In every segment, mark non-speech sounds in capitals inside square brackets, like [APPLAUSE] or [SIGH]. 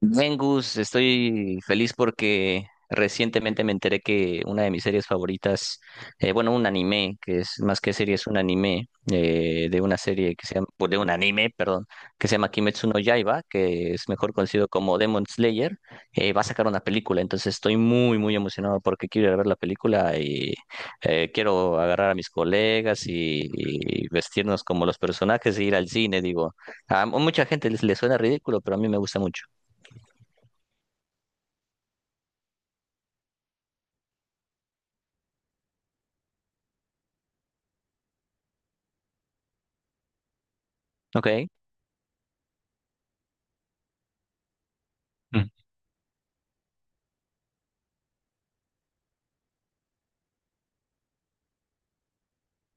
Bien, Gus, estoy feliz porque recientemente me enteré que una de mis series favoritas, bueno, un anime, que es más que serie, es un anime de una serie que se llama, pues, de un anime, perdón, que se llama Kimetsu no Yaiba, que es mejor conocido como Demon Slayer, va a sacar una película. Entonces estoy muy, muy emocionado porque quiero ir a ver la película y quiero agarrar a mis colegas y vestirnos como los personajes e ir al cine, digo. A mucha gente les suena ridículo, pero a mí me gusta mucho. Ok. Mm.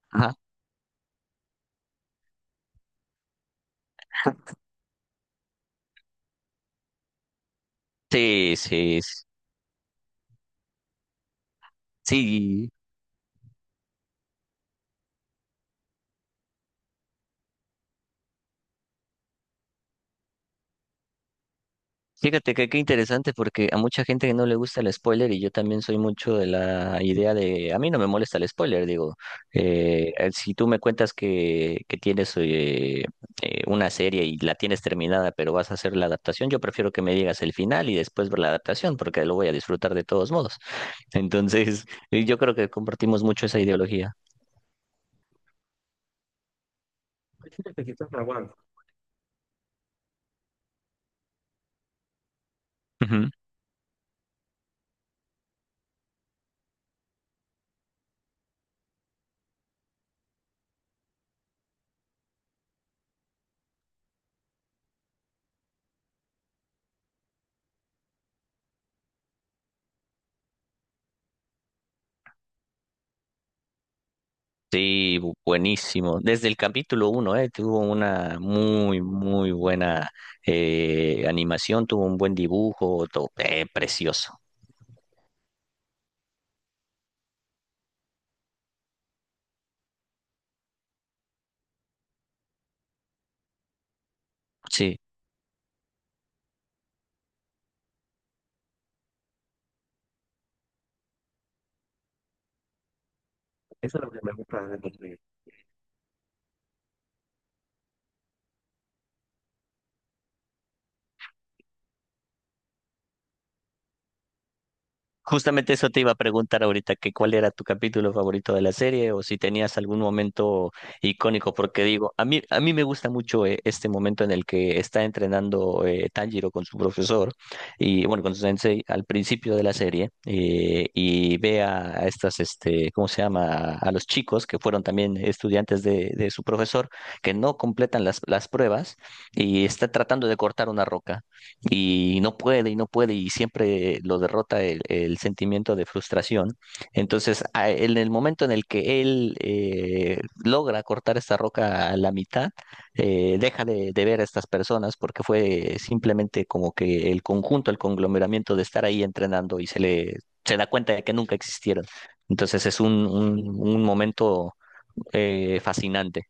Ajá. Sí, sí, s- sí. Fíjate que qué interesante, porque a mucha gente que no le gusta el spoiler, y yo también soy mucho de la idea de, a mí no me molesta el spoiler, digo, si tú me cuentas que tienes una serie y la tienes terminada pero vas a hacer la adaptación, yo prefiero que me digas el final y después ver la adaptación porque lo voy a disfrutar de todos modos. Entonces, yo creo que compartimos mucho esa ideología. Sí, buenísimo. Desde el capítulo uno, tuvo una muy, muy buena animación, tuvo un buen dibujo, todo, precioso. Sí. Justamente eso te iba a preguntar ahorita, que ¿cuál era tu capítulo favorito de la serie o si tenías algún momento icónico? Porque digo, a mí me gusta mucho este momento en el que está entrenando, Tanjiro con su profesor y bueno, con su sensei al principio de la serie. Y ve a estas, este, ¿cómo se llama? A los chicos que fueron también estudiantes de su profesor, que no completan las pruebas, y está tratando de cortar una roca y no puede y no puede, y siempre lo derrota el sentimiento de frustración. Entonces, en el momento en el que él logra cortar esta roca a la mitad, deja de ver a estas personas, porque fue simplemente como que el conjunto, el conglomeramiento de estar ahí entrenando, y se le se da cuenta de que nunca existieron. Entonces es un momento fascinante.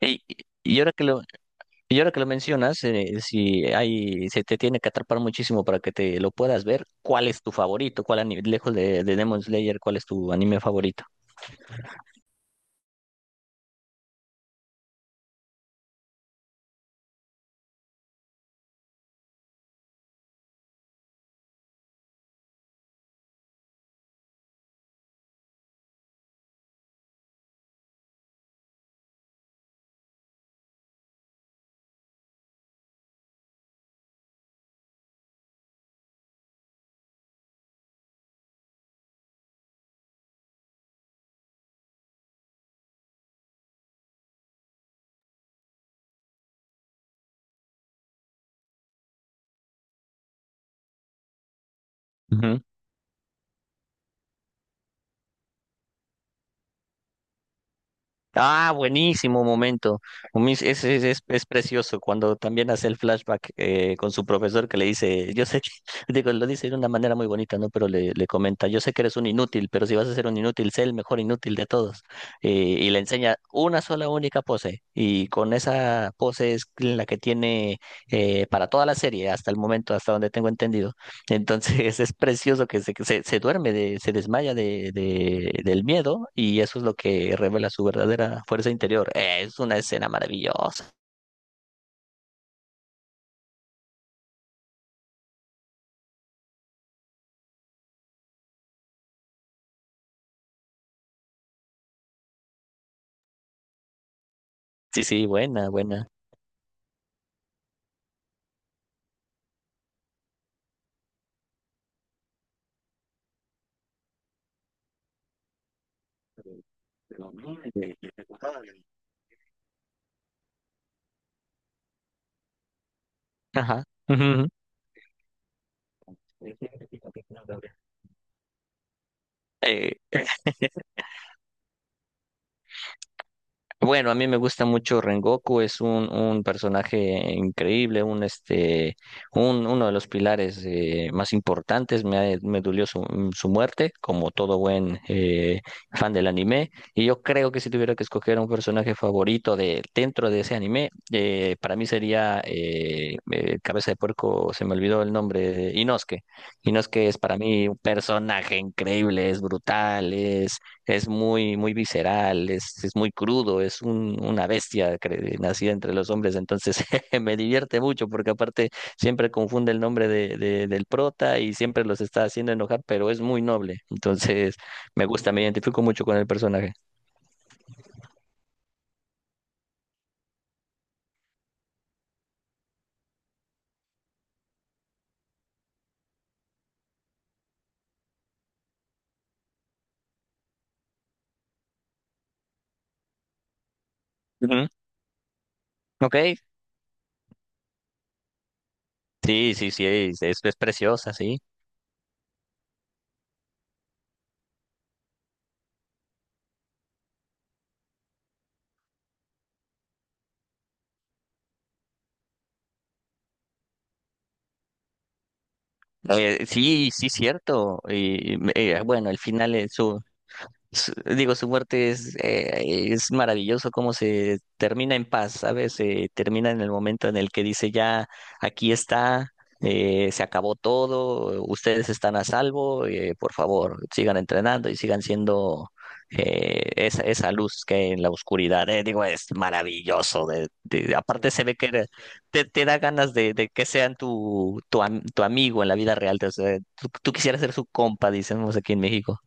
Y, y ahora que lo, Y ahora que lo mencionas, si hay, se te tiene que atrapar muchísimo para que te lo puedas ver, ¿cuál es tu favorito? ¿Cuál anime, lejos de Demon Slayer, cuál es tu anime favorito? Ah, buenísimo momento. Es precioso cuando también hace el flashback, con su profesor que le dice, yo sé que, [LAUGHS] digo, lo dice de una manera muy bonita, ¿no? Pero le comenta, yo sé que eres un inútil, pero si vas a ser un inútil, sé el mejor inútil de todos. Y le enseña una sola única pose. Y con esa pose es la que tiene para toda la serie, hasta el momento, hasta donde tengo entendido. Entonces [LAUGHS] es precioso que se duerme, de, se desmaya del miedo, y eso es lo que revela su verdadera fuerza interior. Es una escena maravillosa. Sí, sí, buena, buena. Ajá. Ujú, ujú. Eh, Bueno, a mí me gusta mucho Rengoku, es un personaje increíble, un este, un, uno de los pilares, más importantes. Me dolió su muerte, como todo buen fan del anime. Y yo creo que si tuviera que escoger un personaje favorito de dentro de ese anime, para mí sería Cabeza de Puerco, se me olvidó el nombre, Inosuke. Inosuke es para mí un personaje increíble, es brutal, es muy, muy visceral, es muy crudo, es una bestia nacida entre los hombres. Entonces [LAUGHS] me divierte mucho porque aparte siempre confunde el nombre del prota y siempre los está haciendo enojar, pero es muy noble. Entonces me gusta, me identifico mucho con el personaje. Ujú. Ok, sí, sí, sí, es, es preciosa, sí. Sí, sí, cierto. Y, bueno, el final es su... digo, su muerte es maravilloso cómo se termina en paz, ¿sabes? Se termina en el momento en el que dice ya, aquí está, se acabó todo, ustedes están a salvo, por favor, sigan entrenando y sigan siendo esa, esa luz que hay en la oscuridad. Eh, digo, es maravilloso. Aparte se ve que te, te da ganas de que sean tu, tu amigo en la vida real. O sea, tú quisieras ser su compa, dicemos aquí en México.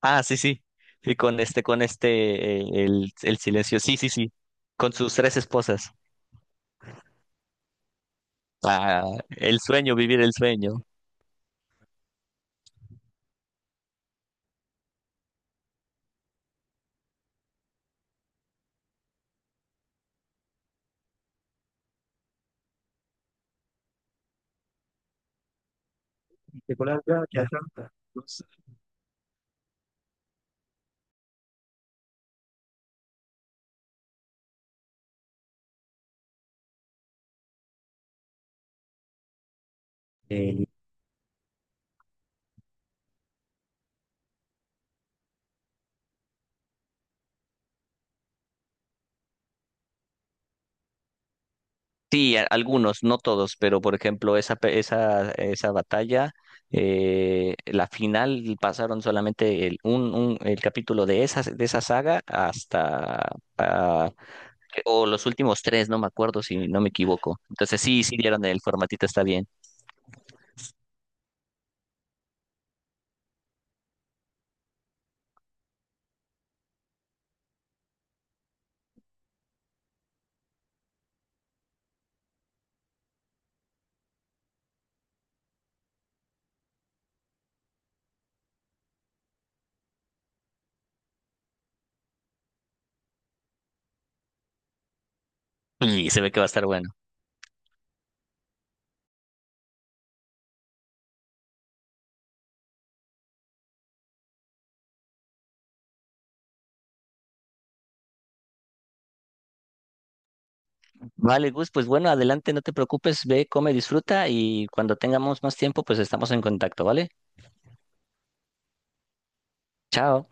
Ah, sí, sí. Sí, con este, el silencio. Sí, sí, sí. Con sus tres esposas. Ah, el sueño, vivir el sueño. Sí, algunos, no todos, pero por ejemplo, esa, esa batalla, la final, pasaron solamente el capítulo de esa saga hasta, ah, o los últimos tres, no me acuerdo, si no me equivoco. Entonces sí, sí dieron el formatito, está bien. Y se ve que va a estar bueno. Vale, Gus, pues bueno, adelante, no te preocupes, ve, come, disfruta, y cuando tengamos más tiempo, pues estamos en contacto, ¿vale? Chao.